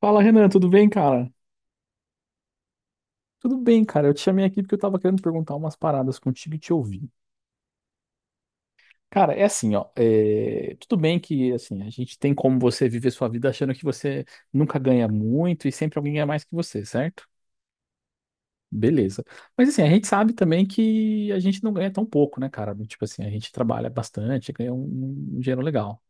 Fala, Renan, tudo bem, cara? Tudo bem, cara. Eu te chamei aqui porque eu tava querendo perguntar umas paradas contigo e te ouvir. Cara, é assim, ó. Tudo bem que, assim, a gente tem como você viver sua vida achando que você nunca ganha muito e sempre alguém ganha mais que você, certo? Beleza. Mas, assim, a gente sabe também que a gente não ganha tão pouco, né, cara? Tipo assim, a gente trabalha bastante, ganha um dinheiro legal.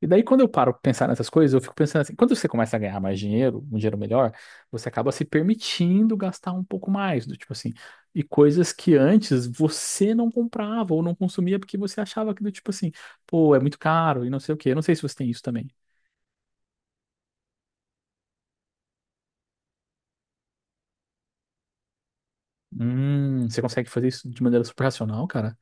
E daí, quando eu paro pra pensar nessas coisas, eu fico pensando assim, quando você começa a ganhar mais dinheiro, um dinheiro melhor, você acaba se permitindo gastar um pouco mais, do tipo assim, e coisas que antes você não comprava ou não consumia porque você achava que do tipo assim, pô, é muito caro e não sei o quê. Eu não sei se você tem isso também. Você consegue fazer isso de maneira super racional, cara?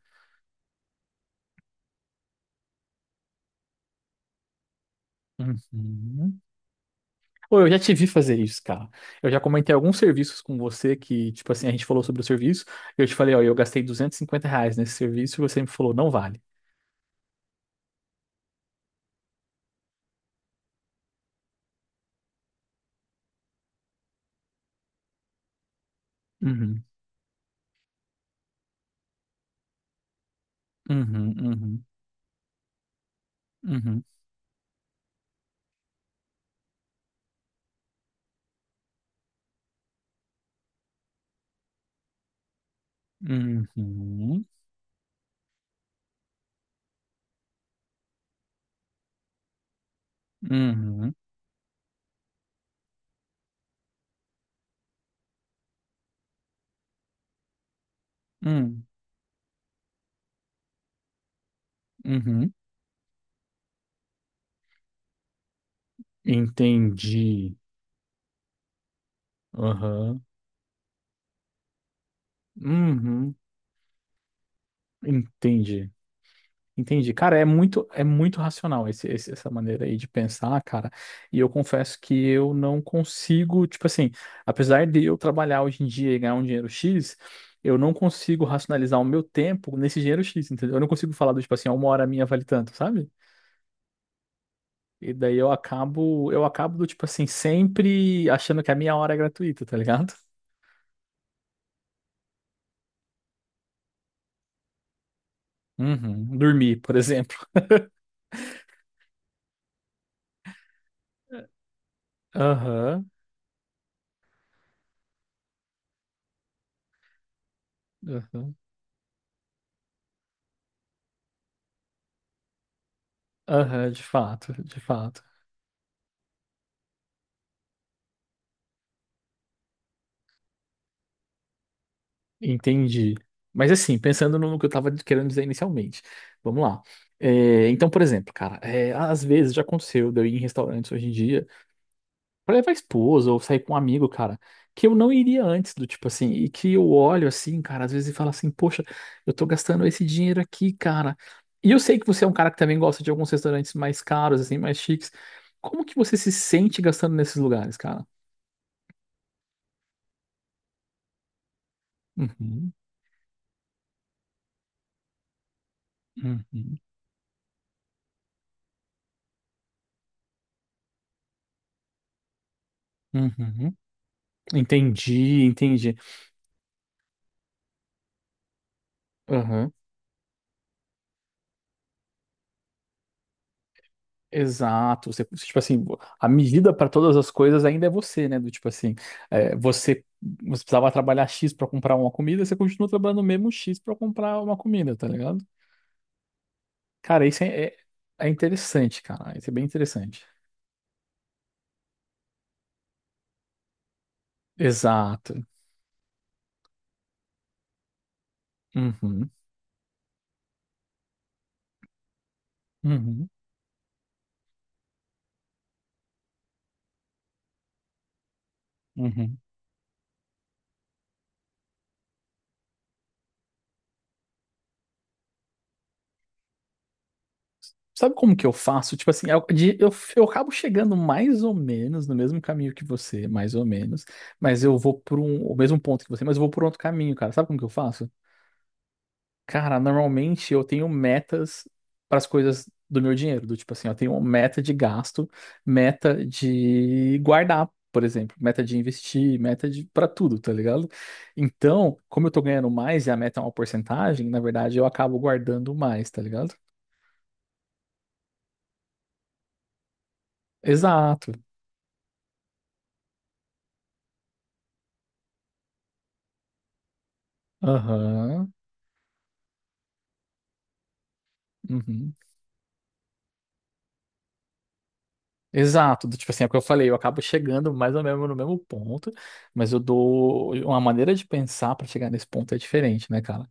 Uhum. Ou eu já te vi fazer isso, cara. Eu já comentei alguns serviços com você que, tipo assim, a gente falou sobre o serviço, eu te falei, ó, eu gastei R$ 250 nesse serviço e você me falou, não vale. Uhum. Uhum, uhum, uhum, uhum, uhum, uhum, uhum. Entendi. Aham. Uhum. Entendi. Entendi. Cara, é muito racional essa maneira aí de pensar, cara. E eu confesso que eu não consigo, tipo assim, apesar de eu trabalhar hoje em dia e ganhar um dinheiro X, eu não consigo racionalizar o meu tempo nesse dinheiro X, entendeu? Eu não consigo falar do tipo assim, ó, uma hora minha vale tanto, sabe? E daí eu acabo do tipo assim, sempre achando que a minha hora é gratuita, tá ligado? Uhum. Dormir, por exemplo. Aham, aham, aham, de fato, de fato. Entendi. Mas assim, pensando no que eu tava querendo dizer inicialmente, vamos lá. Então, por exemplo, cara, às vezes já aconteceu de eu ir em restaurantes hoje em dia pra levar a esposa ou sair com um amigo, cara, que eu não iria antes do tipo assim, e que eu olho assim, cara, às vezes e falo assim, poxa, eu tô gastando esse dinheiro aqui, cara. E eu sei que você é um cara que também gosta de alguns restaurantes mais caros, assim, mais chiques. Como que você se sente gastando nesses lugares, cara? Uhum, uhum, uhum. Entendi, entendi. Exato, você, tipo assim, a medida para todas as coisas ainda é você, né? Do tipo assim, é, você, você precisava trabalhar X para comprar uma comida, você continua trabalhando o mesmo X para comprar uma comida, tá ligado? Cara, isso é interessante, cara. Isso é bem interessante. Exato. Uhum, uhum, uhum. Sabe como que eu faço? Tipo assim, eu acabo chegando mais ou menos no mesmo caminho que você, mais ou menos, mas eu vou por um, o mesmo ponto que você, mas eu vou por outro caminho, cara. Sabe como que eu faço? Cara, normalmente eu tenho metas para as coisas do meu dinheiro, do tipo assim, eu tenho uma meta de gasto, meta de guardar, por exemplo, meta de investir, meta de para tudo, tá ligado? Então, como eu tô ganhando mais e a meta é uma porcentagem, na verdade eu acabo guardando mais, tá ligado? Exato. Aham. Uhum. Exato, do tipo assim, é o que eu falei, eu acabo chegando mais ou menos no mesmo ponto, mas eu dou uma maneira de pensar para chegar nesse ponto é diferente, né, cara?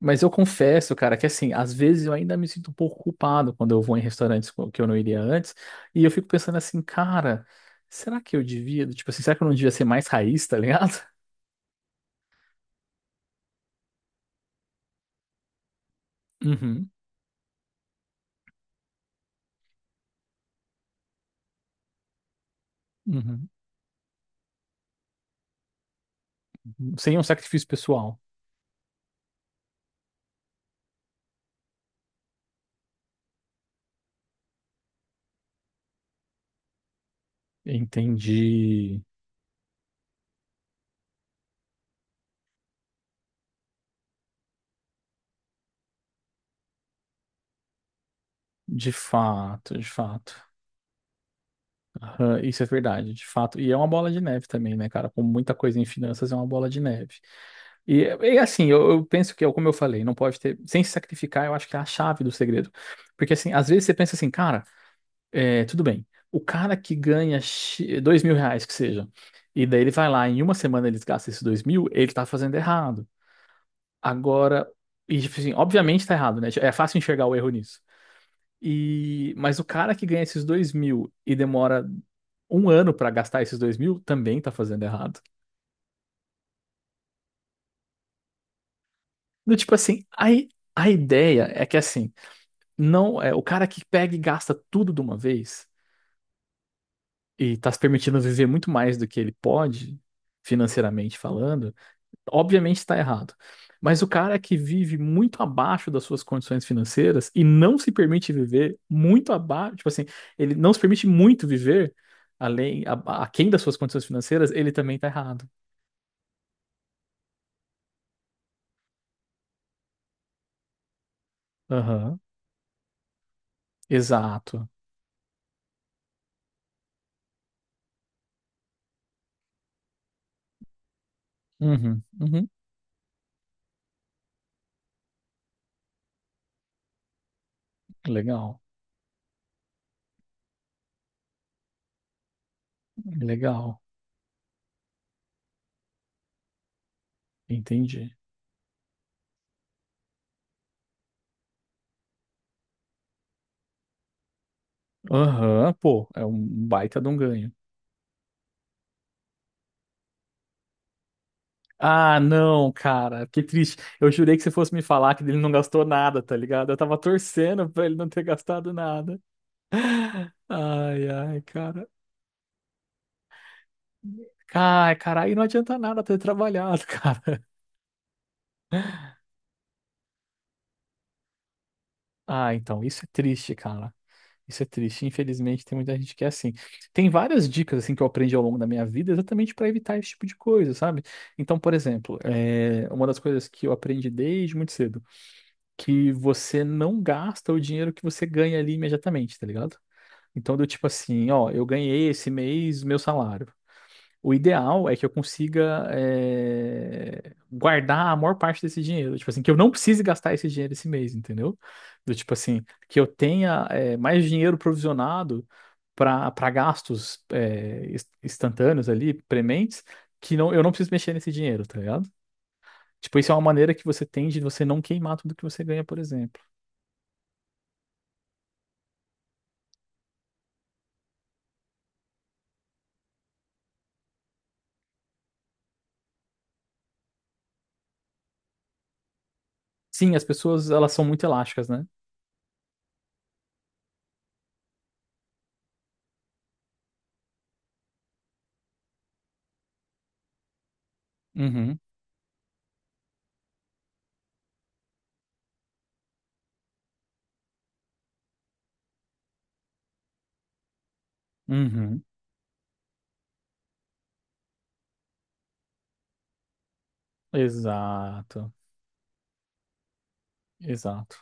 Mas eu confesso, cara, que assim, às vezes eu ainda me sinto um pouco culpado quando eu vou em restaurantes que eu não iria antes, e eu fico pensando assim, cara, será que eu devia, tipo assim, será que eu não devia ser mais raiz, tá ligado? Uhum, uhum. Sem um sacrifício pessoal. Entendi. De fato, de fato. Aham, isso é verdade, de fato. E é uma bola de neve também, né, cara? Como muita coisa em finanças, é uma bola de neve. E assim, eu penso que, é como eu falei, não pode ter. Sem se sacrificar, eu acho que é a chave do segredo. Porque, assim, às vezes você pensa assim, cara, é, tudo bem. O cara que ganha R$ 2.000, que seja, e daí ele vai lá, em uma semana ele gasta esses 2.000, ele tá fazendo errado. Agora, e, tipo assim, obviamente tá errado, né? É fácil enxergar o erro nisso. Mas o cara que ganha esses 2.000 e demora um ano pra gastar esses 2.000 também tá fazendo errado. Do tipo assim, a ideia é que assim, não é o cara que pega e gasta tudo de uma vez e tá se permitindo viver muito mais do que ele pode, financeiramente falando. Obviamente está errado. Mas o cara que vive muito abaixo das suas condições financeiras e não se permite viver muito abaixo, tipo assim, ele não se permite muito viver a- aquém das suas condições financeiras, ele também está errado. Aham. Exato. Uhum, uhum. Legal, legal. Entendi. Aham, pô, é um baita de um ganho. Ah, não, cara, que triste. Eu jurei que você fosse me falar que ele não gastou nada, tá ligado? Eu tava torcendo pra ele não ter gastado nada. Ai, ai, cara. Ai, cara, aí não adianta nada ter trabalhado, cara. Ah, então, isso é triste, cara. Isso é triste. Infelizmente, tem muita gente que é assim. Tem várias dicas assim que eu aprendi ao longo da minha vida exatamente para evitar esse tipo de coisa, sabe? Então, por exemplo, é uma das coisas que eu aprendi desde muito cedo, que você não gasta o dinheiro que você ganha ali imediatamente, tá ligado? Então, do tipo assim, ó, eu ganhei esse mês meu salário. O ideal é que eu consiga guardar a maior parte desse dinheiro. Tipo assim, que eu não precise gastar esse dinheiro esse mês, entendeu? Do tipo assim, que eu tenha mais dinheiro provisionado para gastos instantâneos ali, prementes, que não, eu não preciso mexer nesse dinheiro, tá ligado? Tipo, isso é uma maneira que você tem de você não queimar tudo que você ganha, por exemplo. Sim, as pessoas, elas são muito elásticas, né? Uhum, uhum. Exato, exato.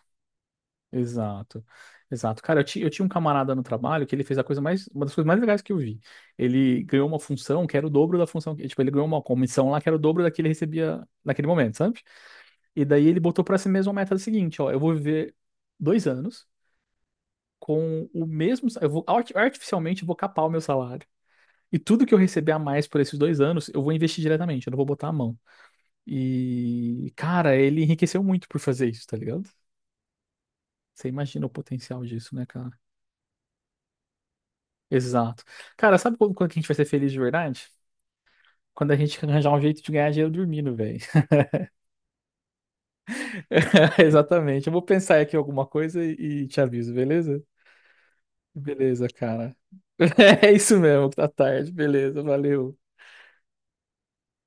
Exato, exato. Cara, eu tinha um camarada no trabalho que ele fez a coisa mais, uma das coisas mais legais que eu vi. Ele ganhou uma função que era o dobro da função, tipo, ele ganhou uma comissão lá que era o dobro da que ele recebia naquele momento, sabe? E daí ele botou pra si mesmo a meta seguinte, ó, eu vou viver 2 anos com o mesmo, eu vou artificialmente eu vou capar o meu salário. E tudo que eu receber a mais por esses 2 anos, eu vou investir diretamente, eu não vou botar a mão. E, cara, ele enriqueceu muito por fazer isso, tá ligado? Você imagina o potencial disso, né, cara? Exato. Cara, sabe quando que a gente vai ser feliz de verdade? Quando a gente arranjar um jeito de ganhar dinheiro dormindo, velho. Exatamente. Eu vou pensar aqui alguma coisa e te aviso, beleza? Beleza, cara. É isso mesmo, tá tarde. Beleza, valeu.